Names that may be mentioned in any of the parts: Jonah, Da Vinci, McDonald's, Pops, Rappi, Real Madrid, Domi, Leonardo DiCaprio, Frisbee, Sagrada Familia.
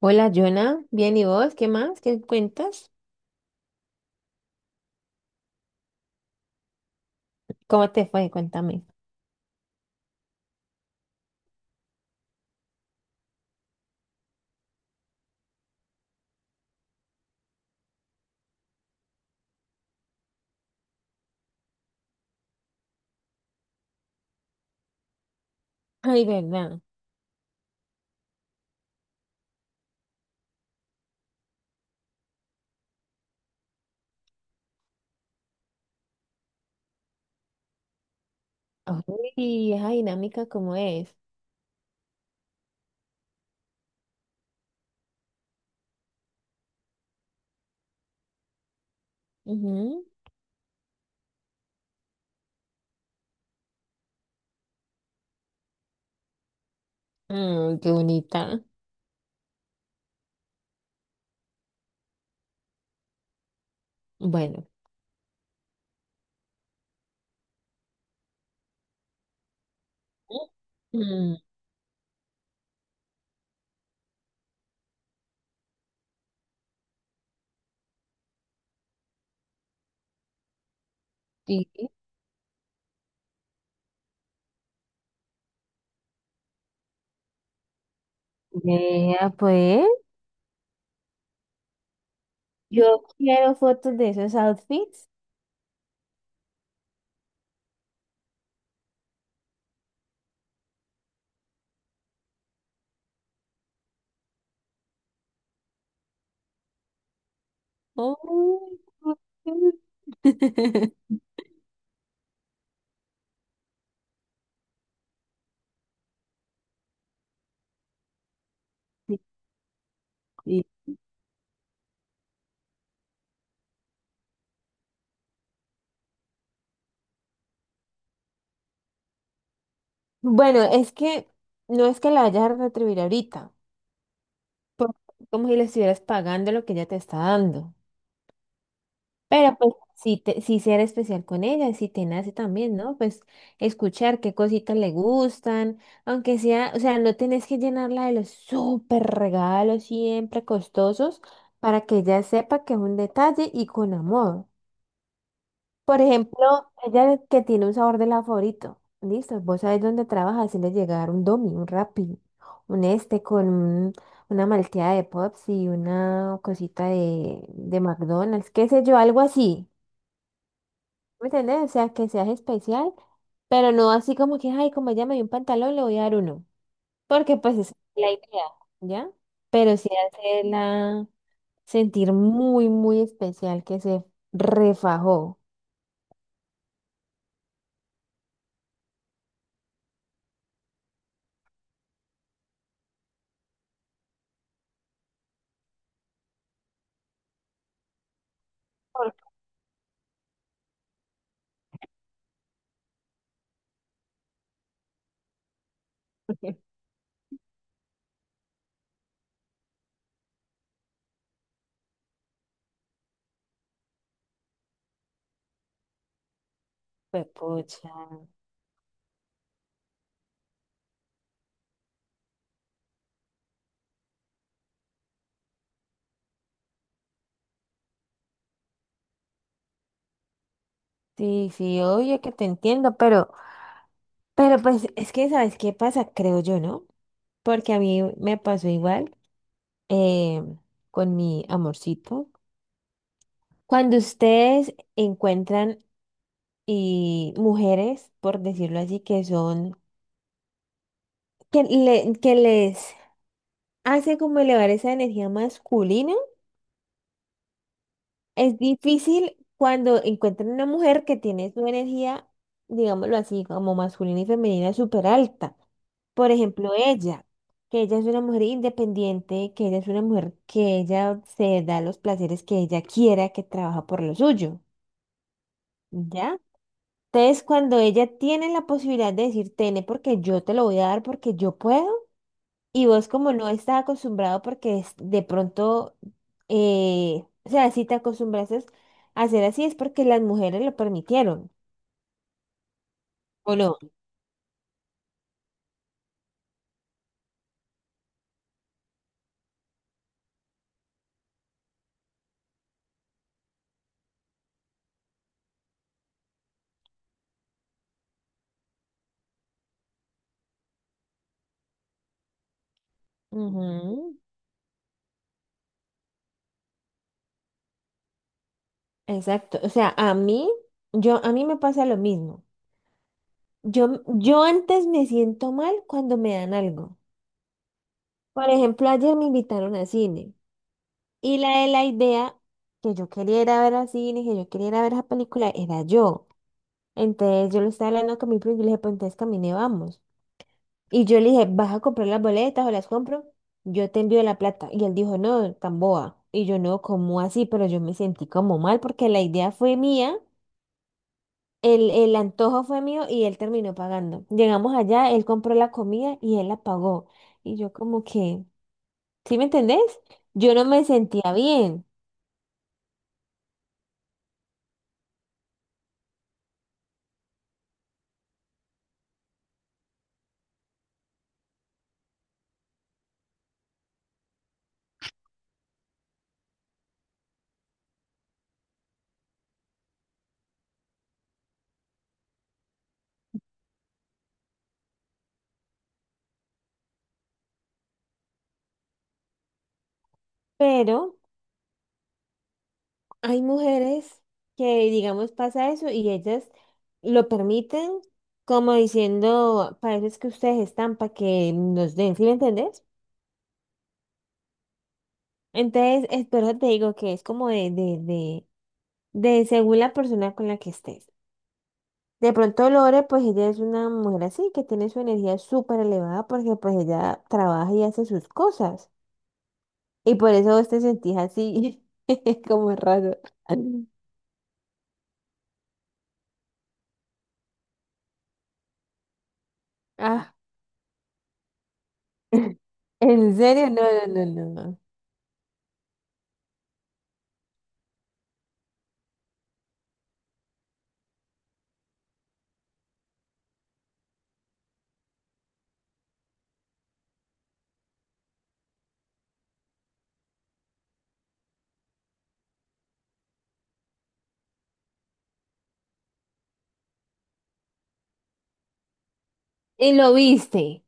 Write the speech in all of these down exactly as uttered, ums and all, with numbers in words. Hola, Jonah. Bien, ¿y vos? ¿Qué más? ¿Qué cuentas? ¿Cómo te fue? Cuéntame. Ay, ¿verdad? Ay, esa dinámica, ¿cómo es? Ujú. Mm, qué bonita. Bueno. Mm. Sí. Vea, pues. Yo quiero fotos de esos outfits. Oh. Sí, sí. Bueno, es que no es que la vayas a retribuir ahorita. Como si le estuvieras pagando lo que ella te está dando. Pero pues sí, te, sí ser especial con ella, si te nace también, ¿no? Pues escuchar qué cositas le gustan, aunque sea, o sea, no tenés que llenarla de los súper regalos siempre costosos para que ella sepa que es un detalle y con amor. Por ejemplo, ella que tiene un sabor de helado favorito, listo, vos sabés dónde trabaja, le llegar un Domi, un Rappi, un este con un- una malteada de Pops y una cosita de, de McDonald's, qué sé yo, algo así. ¿Me entendés? O sea, que seas especial, pero no así como que, ay, como ella me dio un pantalón, le voy a dar uno. Porque pues esa es la idea, ¿ya? Pero sí hacerla sentir muy, muy especial, que se refajó. Pues pucha. Sí, sí, obvio que te entiendo, pero, pero pues es que, ¿sabes qué pasa? Creo yo, ¿no? Porque a mí me pasó igual eh, con mi amorcito. Cuando ustedes encuentran y mujeres, por decirlo así, que son, que, le- que les hace como elevar esa energía masculina. Es difícil cuando encuentran una mujer que tiene su energía, digámoslo así, como masculina y femenina súper alta. Por ejemplo, ella, que ella es una mujer independiente, que ella es una mujer que ella se da los placeres que ella quiera, que trabaja por lo suyo, ¿ya? Entonces, cuando ella tiene la posibilidad de decir, tene, porque yo te lo voy a dar, porque yo puedo, y vos como no estás acostumbrado porque es- de pronto, eh, o sea, si te acostumbraste a hacer así es porque las mujeres lo permitieron, ¿o no? Ujú. Exacto. O sea, a mí, yo, a mí me pasa lo mismo. Yo, yo antes me siento mal cuando me dan algo. Por ejemplo, ayer me invitaron al cine y la de la idea que yo quería ir a ver al cine, que yo quería ir a ver esa película, era yo. Entonces yo lo estaba hablando con mi primo y yo le dije, pues entonces camine, vamos. Y yo le dije, ¿vas a comprar las boletas o las compro? Yo te envío la plata. Y él dijo, no, tan boba. Y yo no, ¿cómo así? Pero yo me sentí como mal porque la idea fue mía, el, el antojo fue mío y él terminó pagando. Llegamos allá, él compró la comida y él la pagó. Y yo como que, ¿sí me entendés? Yo no me sentía bien, pero... Hay mujeres que, digamos, pasa eso y ellas lo permiten como diciendo, para eso es que ustedes están, para que nos den, ¿sí me entendés? Entonces, es, por eso te digo que es como de, de, de, de según la persona con la que estés. De pronto Lore, pues ella es una mujer así, que tiene su energía súper elevada porque pues ella trabaja y hace sus cosas. Y por eso vos te sentís así, como raro. Ah, en serio, no, no, no, no. Y lo viste.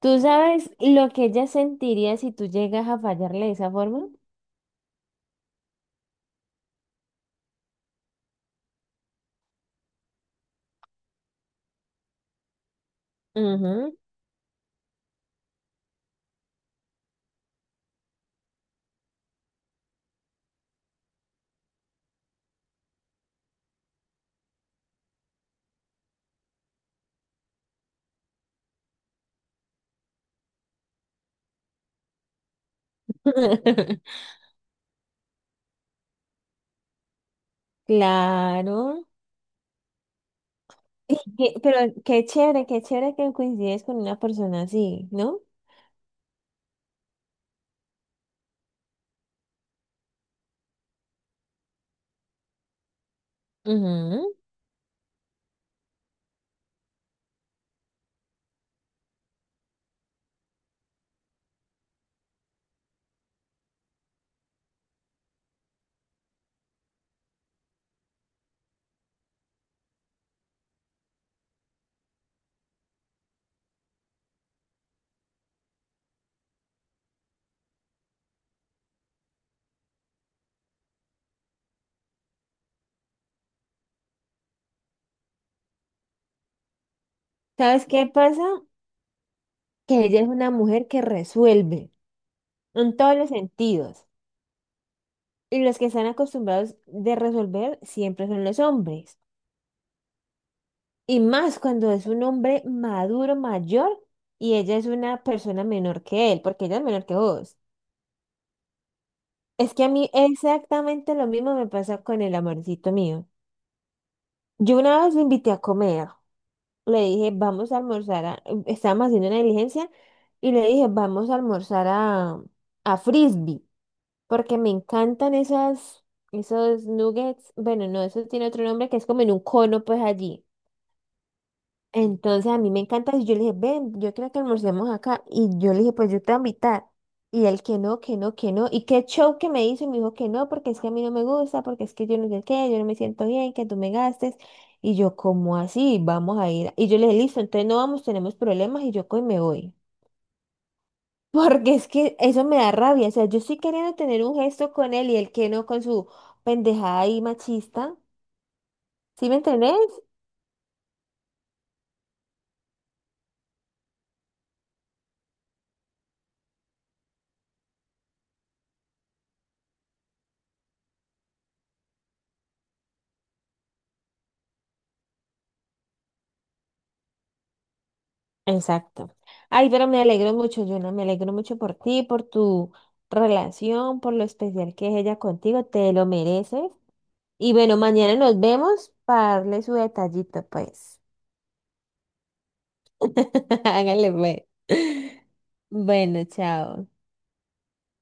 ¿Tú sabes lo que ella sentiría si tú llegas a fallarle de esa forma? Ujú. Claro. Y qué- pero qué chévere, qué chévere que coincides con una persona así, ¿no? Ujú. ¿Sabes qué pasa? Que ella es una mujer que resuelve en todos los sentidos. Y los que están acostumbrados de resolver siempre son los hombres. Y más cuando es un hombre maduro, mayor, y ella es una persona menor que él, porque ella es menor que vos. Es que a mí exactamente lo mismo me pasa con el amorcito mío. Yo una vez lo invité a comer. Le dije, vamos a almorzar a... Estábamos haciendo una diligencia y le dije, vamos a almorzar a, a Frisbee, porque me encantan esas, esos nuggets. Bueno, no, eso tiene otro nombre que es como en un cono, pues allí. Entonces a mí me encanta y yo le dije, ven, yo creo que almorcemos acá. Y yo le dije, pues yo te voy a invitar. Y él que no, que no, que no. Y qué show que me hizo y me dijo que no, porque es que a mí no me gusta, porque es que yo no sé qué, yo no me siento bien, que tú me gastes. Y yo, ¿cómo así? Vamos a ir. Y yo le dije, listo, entonces no vamos, tenemos problemas y yo cojo y me voy. Porque es que eso me da rabia. O sea, yo estoy queriendo tener un gesto con él y él que no con su pendejada y machista. ¿Sí me entendés? Exacto. Ay, pero me alegro mucho, Yuna, me alegro mucho por ti, por tu relación, por lo especial que es ella contigo, te lo mereces. Y bueno, mañana nos vemos para darle su detallito, pues. Hágale, pues. Bueno, chao.